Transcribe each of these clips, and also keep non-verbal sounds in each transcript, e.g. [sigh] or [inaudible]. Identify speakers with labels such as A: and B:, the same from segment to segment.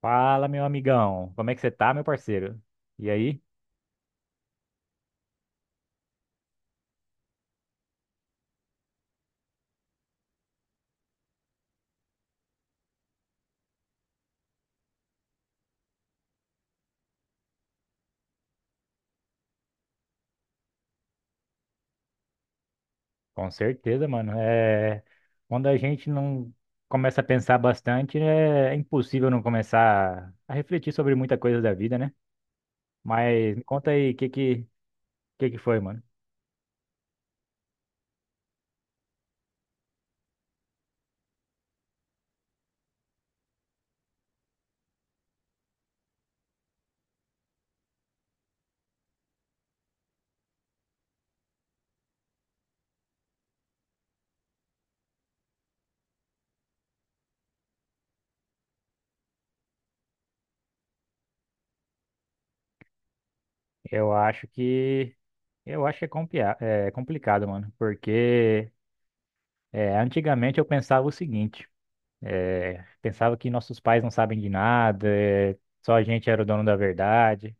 A: Fala, meu amigão. Como é que você tá, meu parceiro? E aí? Com certeza, mano. Quando a gente não começa a pensar bastante, é impossível não começar a refletir sobre muita coisa da vida, né? Mas me conta aí, que foi, mano? Eu acho que eu acho que é complicado, mano, porque é, antigamente eu pensava o seguinte, é, pensava que nossos pais não sabem de nada, é, só a gente era o dono da verdade.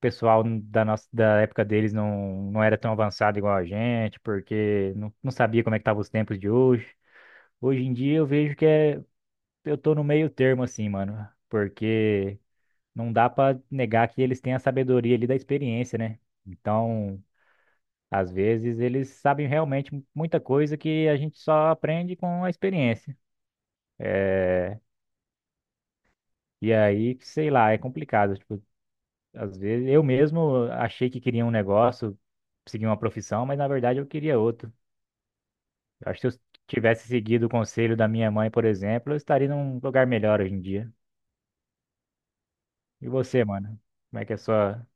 A: Pessoal da nossa da época deles não era tão avançado igual a gente, porque não sabia como é que estavam os tempos de hoje. Hoje em dia eu vejo que é, eu tô no meio termo assim, mano, porque não dá pra negar que eles têm a sabedoria ali da experiência, né? Então, às vezes eles sabem realmente muita coisa que a gente só aprende com a experiência. É, e aí, sei lá, é complicado. Tipo, às vezes eu mesmo achei que queria um negócio, seguir uma profissão, mas na verdade eu queria outro. Eu acho que se eu tivesse seguido o conselho da minha mãe, por exemplo, eu estaria num lugar melhor hoje em dia. E você, mano? Como é que é a sua.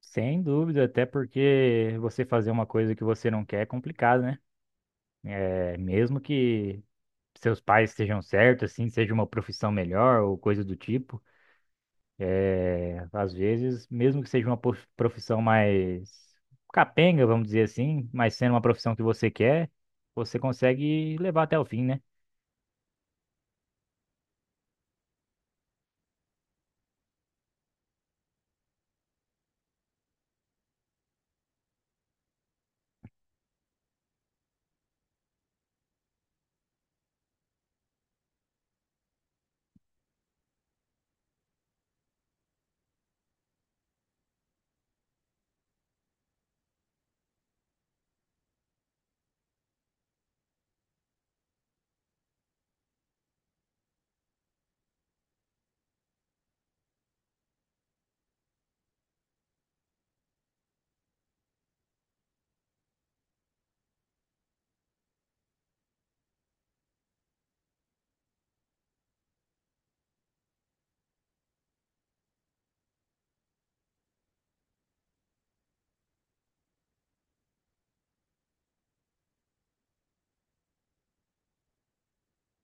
A: Sem dúvida, até porque você fazer uma coisa que você não quer é complicado, né? É, mesmo que seus pais estejam certos, assim, seja uma profissão melhor ou coisa do tipo. Às vezes, mesmo que seja uma profissão mais capenga, vamos dizer assim, mas sendo uma profissão que você quer, você consegue levar até o fim, né?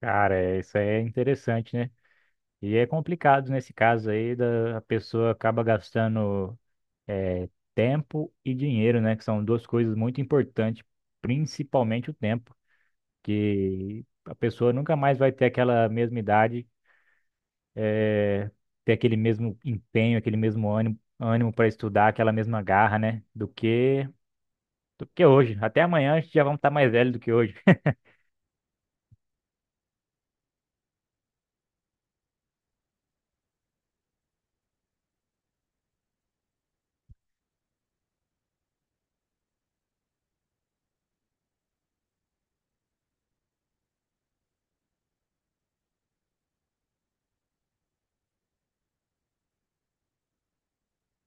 A: Cara, isso é interessante, né? E é complicado nesse caso aí, da, a pessoa acaba gastando é, tempo e dinheiro, né? Que são duas coisas muito importantes, principalmente o tempo, que a pessoa nunca mais vai ter aquela mesma idade ter aquele mesmo empenho, aquele mesmo ânimo, ânimo para estudar, aquela mesma garra, né? Do que hoje. Até amanhã a gente já vamos estar mais velho do que hoje,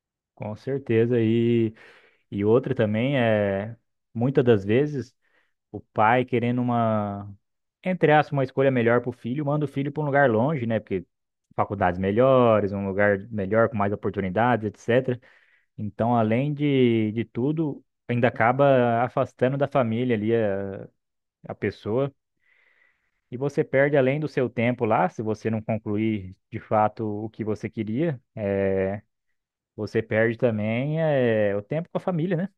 A: [laughs] com certeza. E outra também é muitas das vezes o pai querendo uma entre aspas uma escolha melhor para o filho, manda o filho para um lugar longe, né? Porque faculdades melhores, um lugar melhor com mais oportunidades, etc. Então, além de tudo, ainda acaba afastando da família ali a pessoa. E você perde além do seu tempo lá, se você não concluir de fato o que você queria, eh, você perde também eh, o tempo com a família, né?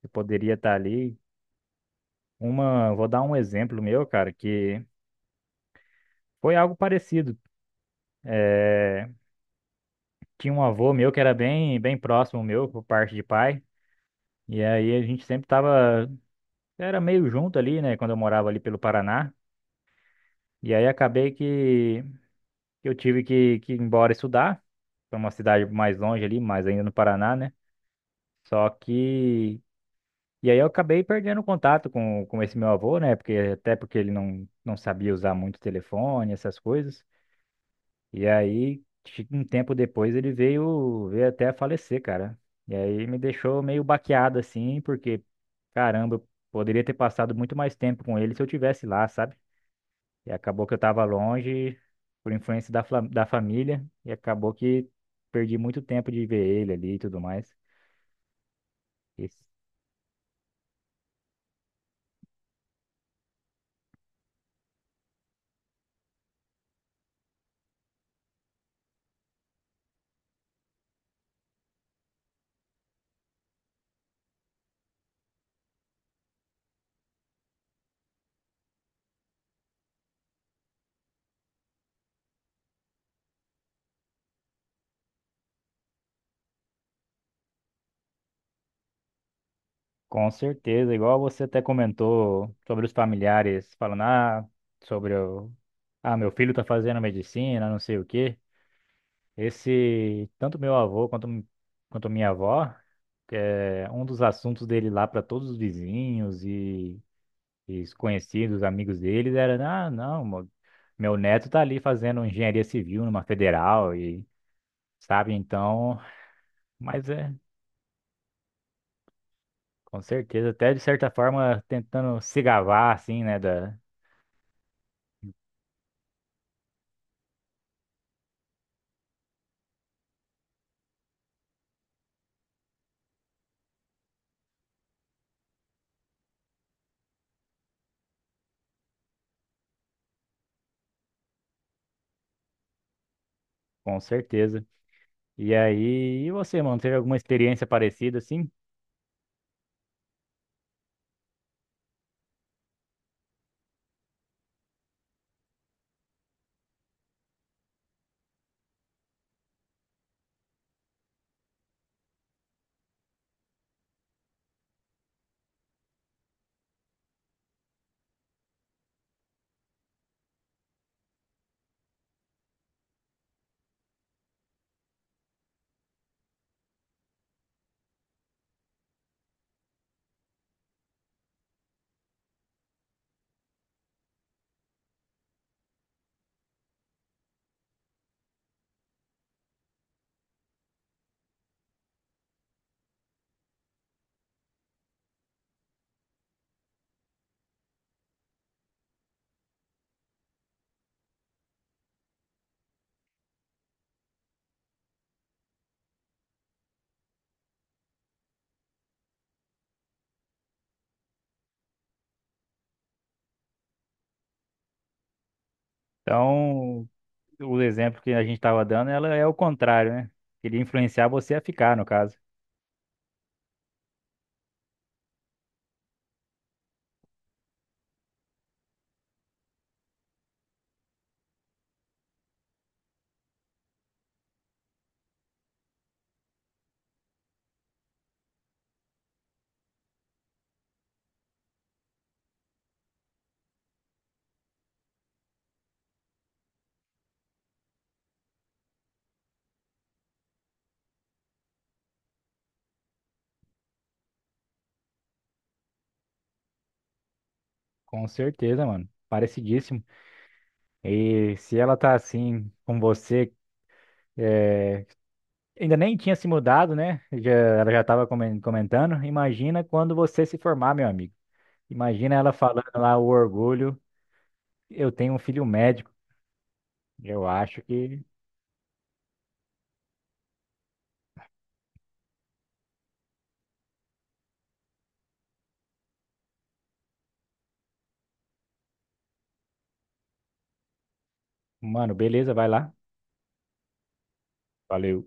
A: Você poderia estar ali. Uma, vou dar um exemplo meu, cara, que foi algo parecido. Eh, tinha um avô meu que era bem, bem próximo meu, por parte de pai, e aí a gente sempre tava, era meio junto ali, né, quando eu morava ali pelo Paraná. E aí acabei que que ir embora estudar para uma cidade mais longe ali, mas ainda no Paraná, né? Só que. E aí eu acabei perdendo contato com esse meu avô, né? Porque, até porque ele não sabia usar muito telefone, essas coisas. E aí, um tempo depois, ele veio, veio até a falecer, cara. E aí me deixou meio baqueado, assim, porque, caramba, eu poderia ter passado muito mais tempo com ele se eu tivesse lá, sabe? E acabou que eu tava longe, por influência da, fla- da família, e acabou que perdi muito tempo de ver ele ali e tudo mais. Com certeza, igual você até comentou sobre os familiares falando, ah, sobre o, ah, meu filho tá fazendo medicina, não sei o quê. Esse, tanto meu avô quanto, quanto minha avó, é, um dos assuntos dele lá para todos os vizinhos e os conhecidos, amigos deles, era, ah, não, mo- meu neto tá ali fazendo engenharia civil numa federal e, sabe, então, mas é, com certeza, até de certa forma tentando se gabar, assim, né, da. Com certeza. E aí, e você, mano, teve alguma experiência parecida assim? Então, o exemplo que a gente estava dando, ela é o contrário, né? Queria influenciar você a ficar, no caso. Com certeza, mano. Parecidíssimo. E se ela tá assim com você, ainda nem tinha se mudado, né? Já, ela já estava comentando. Imagina quando você se formar, meu amigo. Imagina ela falando lá o orgulho. Eu tenho um filho médico. Eu acho que, mano, beleza, vai lá. Valeu.